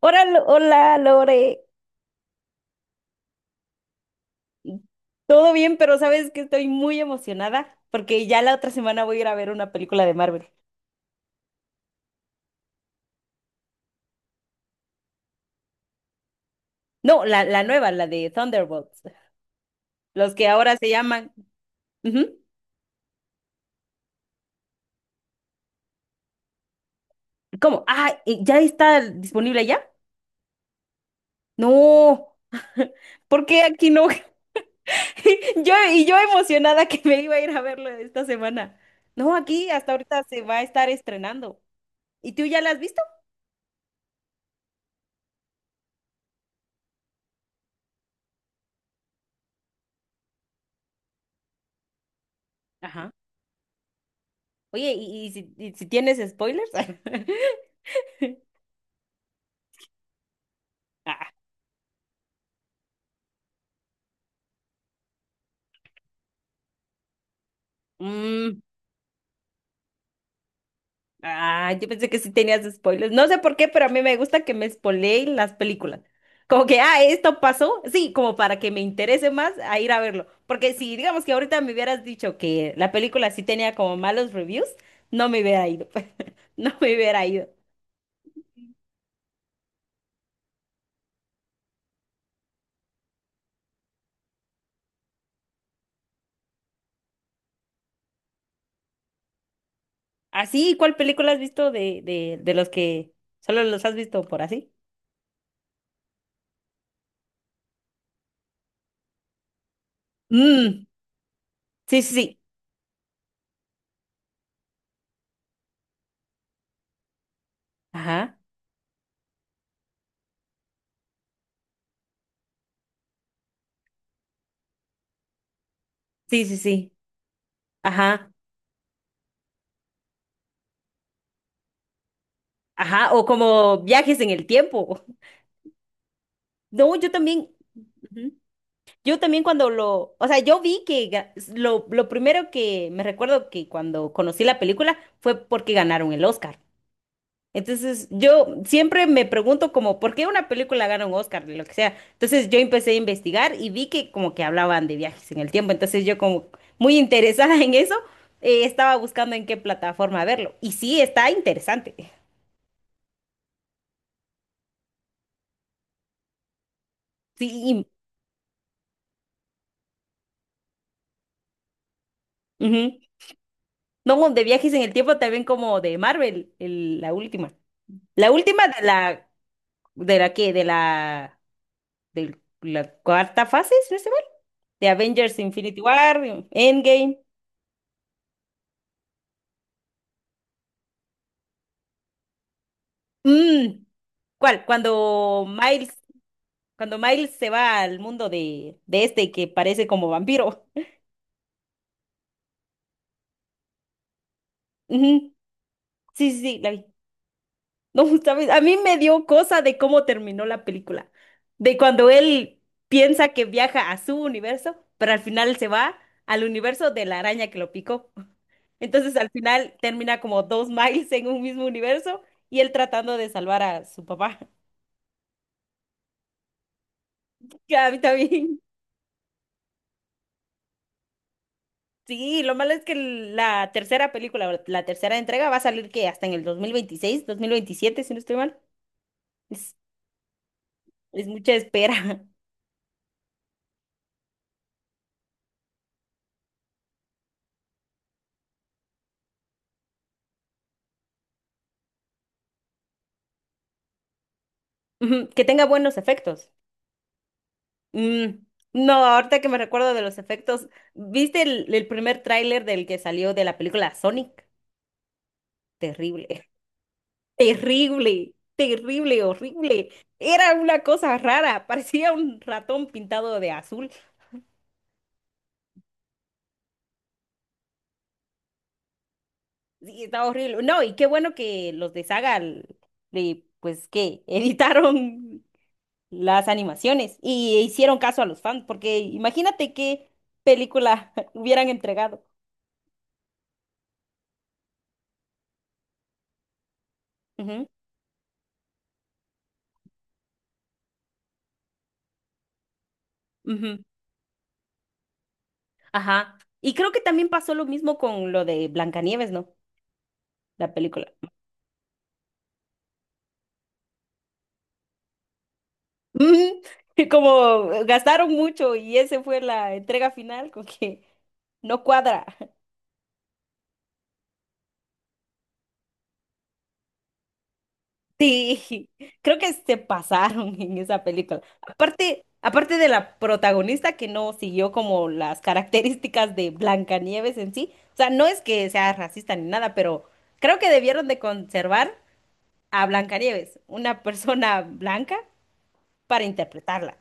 Hola, hola Lore, todo bien, pero sabes que estoy muy emocionada porque ya la otra semana voy a ir a ver una película de Marvel. No, la nueva, la de Thunderbolts, los que ahora se llaman... Ujú. ¿Cómo? Ah, ¿ya está disponible ya? No, ¿por qué aquí no? Y yo emocionada que me iba a ir a verlo esta semana. No, aquí hasta ahorita se va a estar estrenando. ¿Y tú ya la has visto? Ajá. Oye, ¿y si tienes spoilers? Mm, ah, yo pensé que sí tenías spoilers. No sé por qué, pero a mí me gusta que me spoileen las películas. Como que, ah, esto pasó. Sí, como para que me interese más a ir a verlo. Porque si, digamos que ahorita me hubieras dicho que la película sí tenía como malos reviews, no me hubiera ido. No me hubiera ido. Así, ¿cuál película has visto de, de los que solo los has visto por así? Mm, sí, sí, sí. Ajá. Sí, sí, sí. Ajá. Ajá. O como viajes en el tiempo. No, yo también. Ujú. Yo también cuando lo, o sea, yo vi que lo primero que me recuerdo que cuando conocí la película fue porque ganaron el Oscar. Entonces, yo siempre me pregunto como, ¿por qué una película gana un Oscar? Lo que sea. Entonces, yo empecé a investigar y vi que como que hablaban de viajes en el tiempo. Entonces, yo como muy interesada en eso, estaba buscando en qué plataforma verlo. Y sí, está interesante. Sí, ujú. No, de viajes en el tiempo también como de Marvel, la última. La última de la ¿De la qué? De la cuarta fase? ¿Si no estoy mal? De Avengers Infinity War, Endgame. Mm, ¿cuál? Cuando Miles se va al mundo de este que parece como vampiro. Ujú, sí, sí, sí, la vi. No, ¿sabes? A mí me dio cosa de cómo terminó la película. De cuando él piensa que viaja a su universo, pero al final se va al universo de la araña que lo picó. Entonces al final termina como dos Miles en un mismo universo y él tratando de salvar a su papá. Que a mí también. Sí, lo malo es que la tercera película, o la tercera entrega va a salir que hasta en el 2026 2027 si no estoy mal. Es, es mucha espera. Ujú, que tenga buenos efectos. Mm, no, ahorita que me recuerdo de los efectos, ¿viste el primer tráiler del que salió de la película Sonic? Terrible, terrible, terrible, horrible. Era una cosa rara, parecía un ratón pintado de azul. Sí, estaba horrible. No, y qué bueno que los de Saga, pues que editaron las animaciones y hicieron caso a los fans, porque imagínate qué película hubieran entregado. Ujú, ujú. Ajá. Y creo que también pasó lo mismo con lo de Blancanieves, ¿no? La película. Ujú. Y como gastaron mucho y ese fue la entrega final, con que no cuadra. Sí, creo que se pasaron en esa película. Aparte, aparte de la protagonista que no siguió como las características de Blancanieves en sí. O sea, no es que sea racista ni nada, pero creo que debieron de conservar a Blancanieves, una persona blanca, para interpretarla.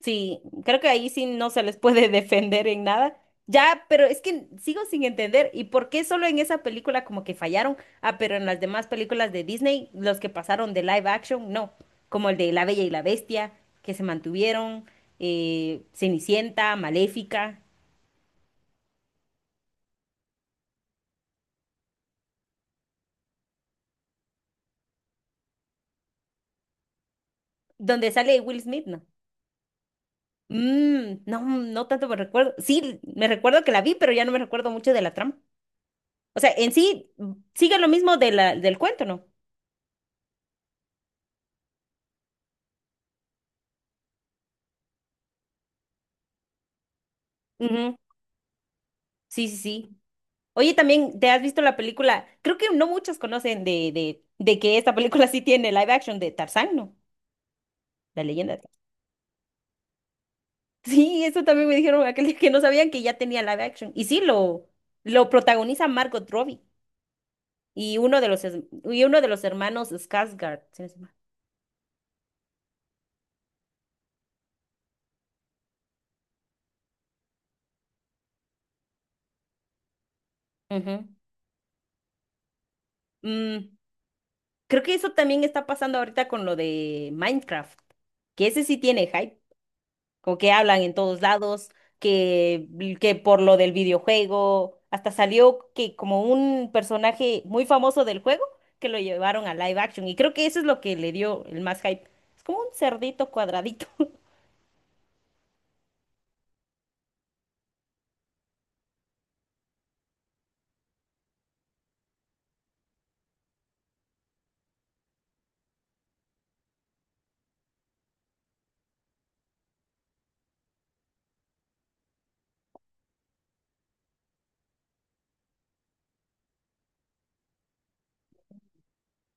Sí, creo que ahí sí no se les puede defender en nada. Ya, pero es que sigo sin entender. ¿Y por qué solo en esa película como que fallaron? Ah, pero en las demás películas de Disney, los que pasaron de live action, no. Como el de La Bella y la Bestia, que se mantuvieron, Cenicienta, Maléfica, donde sale Will Smith, ¿no? Mm, no, no tanto me recuerdo. Sí, me recuerdo que la vi, pero ya no me recuerdo mucho de la trama. O sea, en sí sigue lo mismo de la, del cuento, ¿no? Ujú, sí, sí, sí. Oye, también te has visto la película, creo que no muchos conocen de, de que esta película sí tiene live action de Tarzán, ¿no? La leyenda de Tarzán. Sí, eso también me dijeron aquel día que no sabían que ya tenía live action. Y sí, lo protagoniza Margot Robbie y uno de los, y uno de los hermanos Skarsgård. Si no estoy mal. Ujú. Mm, creo que eso también está pasando ahorita con lo de Minecraft, que ese sí tiene hype, como que hablan en todos lados, que, que por lo del videojuego, hasta salió que como un personaje muy famoso del juego, que lo llevaron a live action, y creo que eso es lo que le dio el más hype. Es como un cerdito cuadradito.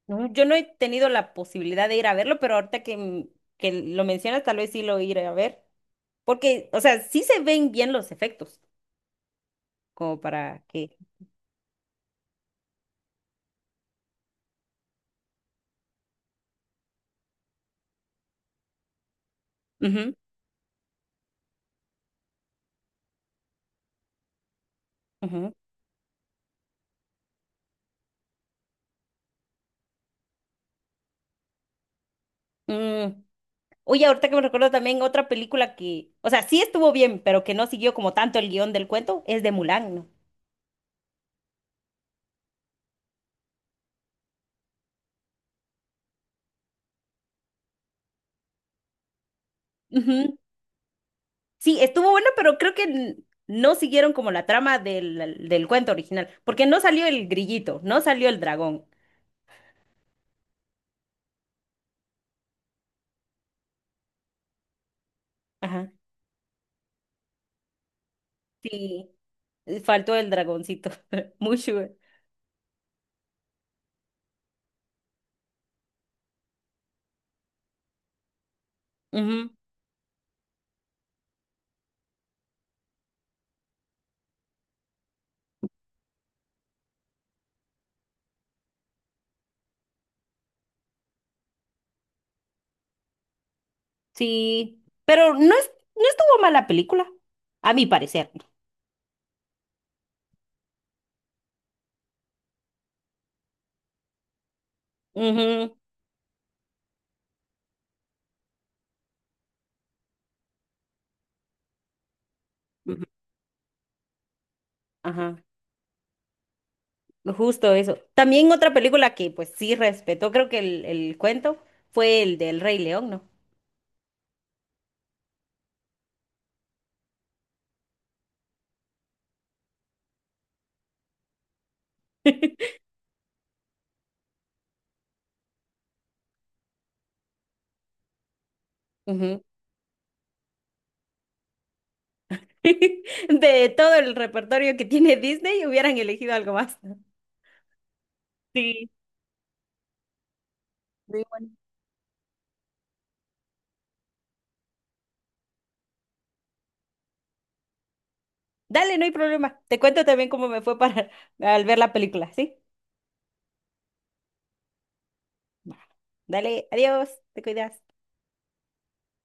No, yo no he tenido la posibilidad de ir a verlo, pero ahorita que, que lo mencionas, tal vez sí lo iré a ver. Porque, o sea, sí se ven bien los efectos, como para que... Ujú, ujú. Mm, oye, ahorita que me recuerdo también otra película que, o sea, sí estuvo bien, pero que no siguió como tanto el guión del cuento, es de Mulan, ¿no? Ujú. Sí, estuvo bueno, pero creo que no siguieron como la trama del, del cuento original, porque no salió el grillito, no salió el dragón. Ajá. Sí, faltó el dragoncito, Mushu. Ujú. Sí, pero no es, no estuvo mala película, a mi parecer. Ujú, ujú, ajá. Justo eso. También otra película que pues sí respetó, creo que el cuento fue el del Rey León, ¿no? Ujú. De todo el repertorio que tiene Disney, hubieran elegido algo más. Sí, muy bueno. Dale, no hay problema. Te cuento también cómo me fue para al ver la película, ¿sí? Va. Dale, adiós, te cuidas.